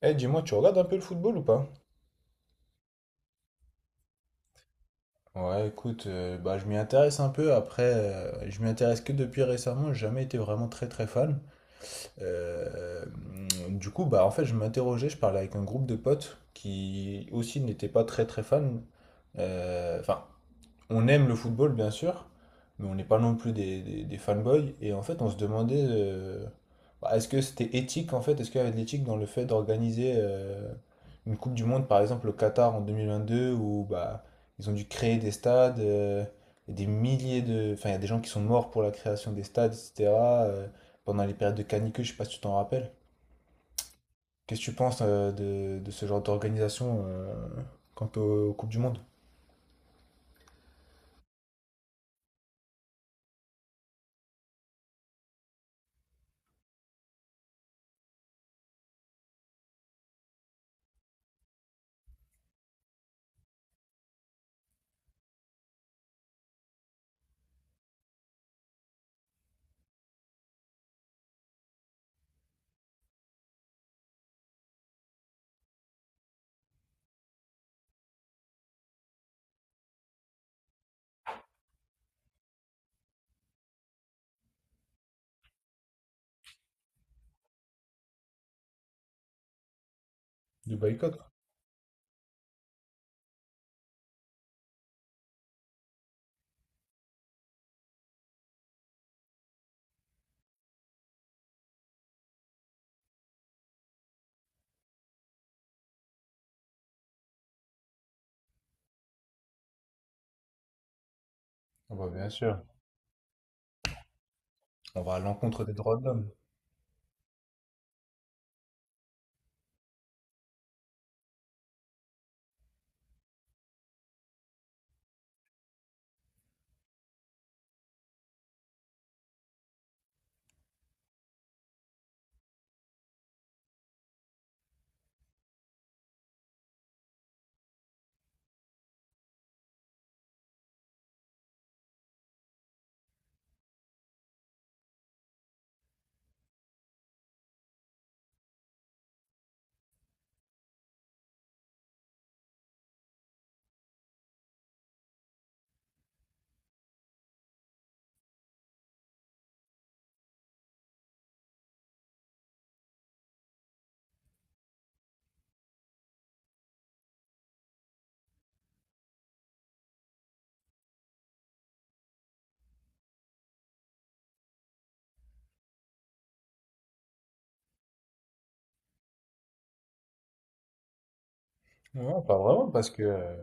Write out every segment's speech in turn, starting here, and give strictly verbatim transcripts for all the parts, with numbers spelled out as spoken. Eh, dis-moi, tu regardes un peu le football ou pas? Ouais, écoute, euh, bah, je m'y intéresse un peu. Après, euh, je m'y intéresse que depuis récemment. J'ai jamais été vraiment très très fan. Euh, du coup, bah en fait, je m'interrogeais. Je parlais avec un groupe de potes qui aussi n'étaient pas très très fans. Euh, Enfin, on aime le football, bien sûr, mais on n'est pas non plus des, des- des fanboys. Et en fait, on se demandait, euh, bah, est-ce que c'était éthique, en fait? Est-ce qu'il y avait de l'éthique dans le fait d'organiser euh, une Coupe du Monde, par exemple, au Qatar en deux mille vingt-deux, où bah, ils ont dû créer des stades, euh, et des milliers de… Enfin, il y a des gens qui sont morts pour la création des stades, et cetera, euh, pendant les périodes de canicule, je sais pas si tu t'en rappelles. Qu'est-ce que tu penses euh, de, de ce genre d'organisation euh, quant aux, aux Coupes du Monde? Du boycott? Ah bah, bien sûr. On va à l'encontre des droits de l'homme. Non, pas vraiment, parce que euh,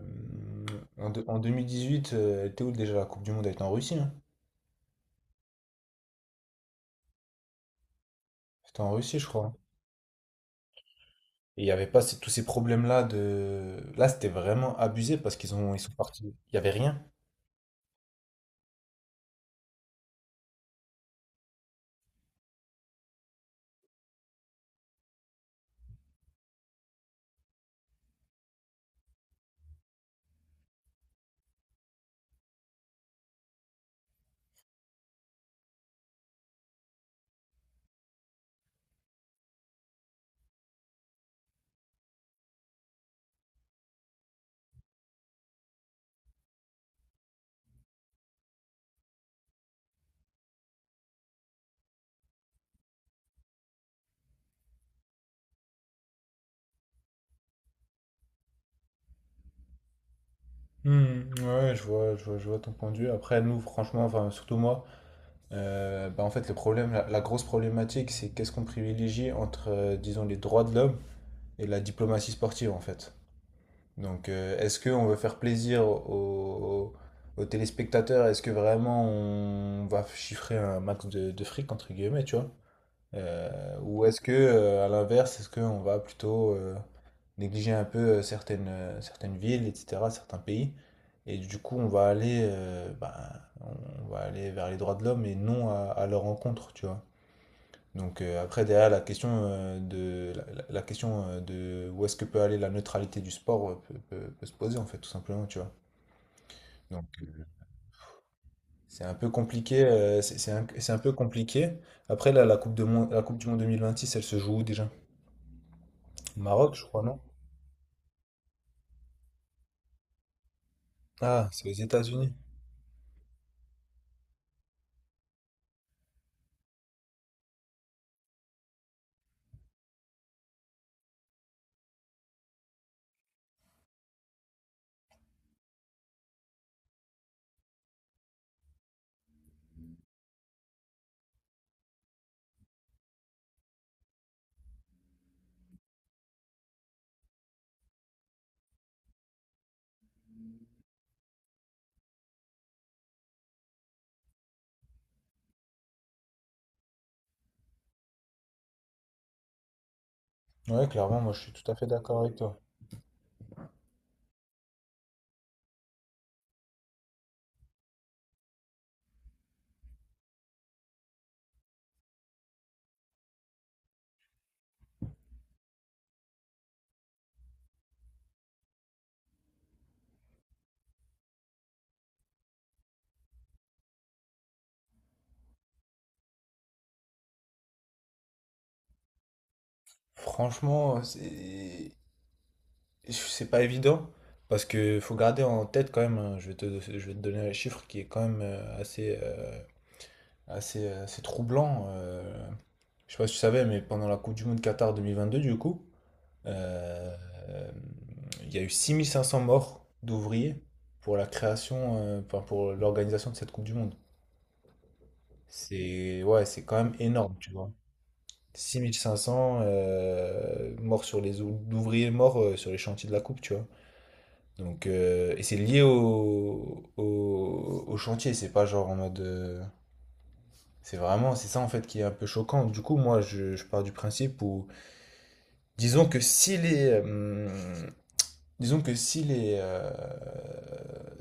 en, de- en deux mille dix-huit, euh, était où déjà la Coupe du Monde? Elle était en Russie, hein. C'était en Russie, je crois. Et il n'y avait pas ces- tous ces problèmes-là de. Là, c'était vraiment abusé parce qu'ils ont ils sont partis. Il n'y avait rien. Hmm, ouais, je vois, je vois, je vois ton point de vue. Après, nous, franchement, enfin, surtout moi, euh, bah, en fait, le problème, la, la grosse problématique, c'est qu'est-ce qu'on privilégie entre, euh, disons, les droits de l'homme et la diplomatie sportive, en fait. Donc, euh, est-ce qu'on veut faire plaisir aux, aux aux téléspectateurs? Est-ce que vraiment on va chiffrer un max de, de fric, entre guillemets, tu vois? Euh, ou est-ce que, euh, à l'inverse, est-ce qu'on va plutôt euh, négliger un peu euh, certaines, euh, certaines villes, et cetera, certains pays? Et du coup, on va aller, euh, bah, on va aller vers les droits de l'homme et non à, à leur encontre, tu vois? Donc euh, après, derrière, la question euh, de, la, la- la question euh, de où est-ce que peut aller la neutralité du sport euh, peut, peut- peut se poser, en fait, tout simplement, tu vois. Donc euh, c'est un peu compliqué, euh, c'est c'est un, c'est un peu compliqué. Après, là, la Coupe de Mon- la Coupe du Monde deux mille vingt-six, elle se joue où déjà? Au Maroc, je crois, non? Ah, c'est aux États-Unis. Ouais, clairement, moi, je suis tout à fait d'accord avec toi. Franchement, c'est c'est pas évident parce que faut garder en tête quand même, hein, je vais te, je vais te donner un chiffre qui est quand même euh, assez, euh, ah, c'est euh, c'est troublant. euh, je sais pas si tu savais, mais pendant la Coupe du Monde Qatar deux mille vingt-deux, du coup, euh, il y a eu six mille cinq cents morts d'ouvriers pour la création, euh, enfin, pour l'organisation de cette Coupe du Monde. C'est ouais, c'est quand même énorme, tu vois. six mille cinq cents euh, morts sur les ou- d'ouvriers morts euh, sur les chantiers de la coupe, tu vois. Donc euh, et c'est lié au, au, au chantier, c'est pas genre en mode euh, c'est vraiment, c'est ça en fait qui est un peu choquant. Du coup, moi, je, je pars du principe où, disons que si les, hum, disons que si les, euh,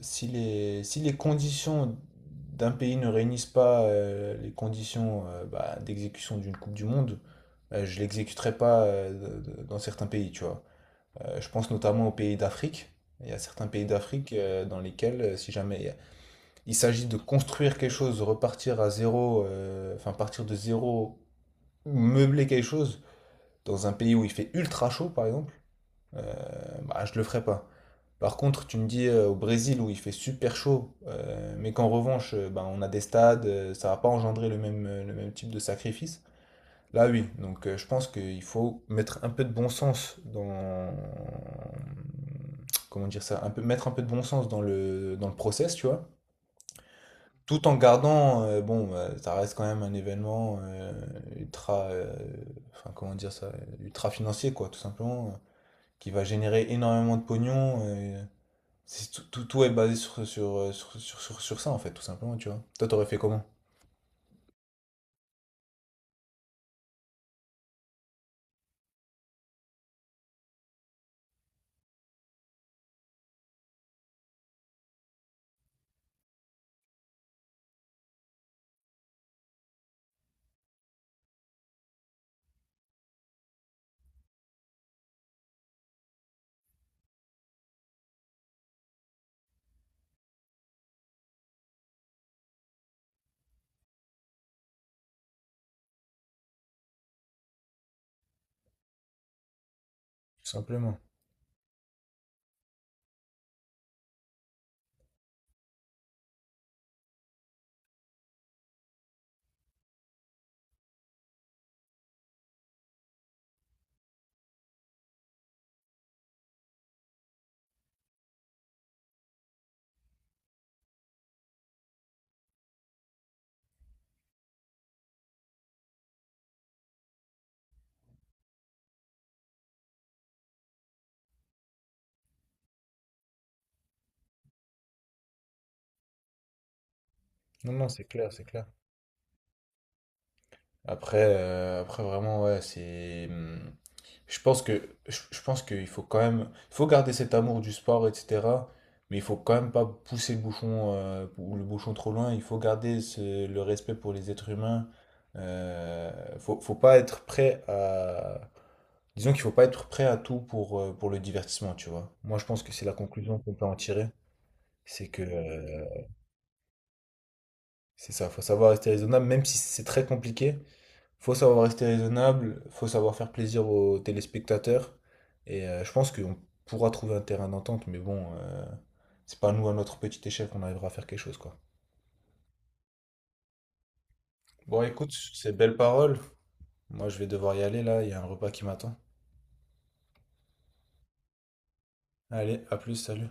si les, si les conditions d'un pays ne réunissent pas euh, les conditions euh, bah, d'exécution d'une Coupe du Monde, euh, je l'exécuterai pas euh, de- de- dans certains pays, tu vois. Euh, je pense notamment aux pays d'Afrique. Il y a certains pays d'Afrique euh, dans lesquels, euh, si jamais il y a- il s'agit de construire quelque chose, repartir à zéro, euh, enfin partir de zéro ou meubler quelque chose dans un pays où il fait ultra chaud, par exemple, euh, bah, je le ferai pas. Par contre, tu me dis euh, au Brésil où il fait super chaud, euh, mais qu'en revanche, euh, bah, on a des stades, euh, ça va pas engendrer le même, euh, le même type de sacrifice. Là, oui. Donc, euh, je pense qu'il faut mettre un peu de bon sens dans. Comment dire ça? Un peu, mettre un peu de bon sens dans le, dans le process, tu vois. Tout en gardant, euh, bon, euh, ça reste quand même un événement euh, ultra, euh, enfin comment dire ça, euh, ultra financier quoi, tout simplement, euh, qui va générer énormément de pognon. Euh, c'est tout, tout, tout est basé sur, sur, euh, sur, sur, sur, sur ça en fait, tout simplement, tu vois. Toi, t'aurais fait comment? Tout simplement. Non, non, c'est clair, c'est clair. Après, euh, après vraiment, ouais, c'est… hmm, je pense que je, je pense qu'il faut quand même il faut garder cet amour du sport, et cetera. Mais il faut quand même pas pousser le bouchon euh, ou le bouchon trop loin. Il faut garder ce- le respect pour les êtres humains. Euh, faut, faut pas être prêt à disons qu'il faut pas être prêt à tout pour euh, pour le divertissement, tu vois. Moi, je pense que c'est la conclusion qu'on peut en tirer, c'est que euh, c'est ça. Faut savoir rester raisonnable, même si c'est très compliqué. Faut savoir rester raisonnable, faut savoir faire plaisir aux téléspectateurs. Et euh, je pense qu'on pourra trouver un terrain d'entente, mais bon, euh, c'est pas nous à notre petite échelle qu'on arrivera à faire quelque chose, quoi. Bon, écoute, sur ces belles paroles. Moi, je vais devoir y aller là, il y a un repas qui m'attend. Allez, à plus, salut.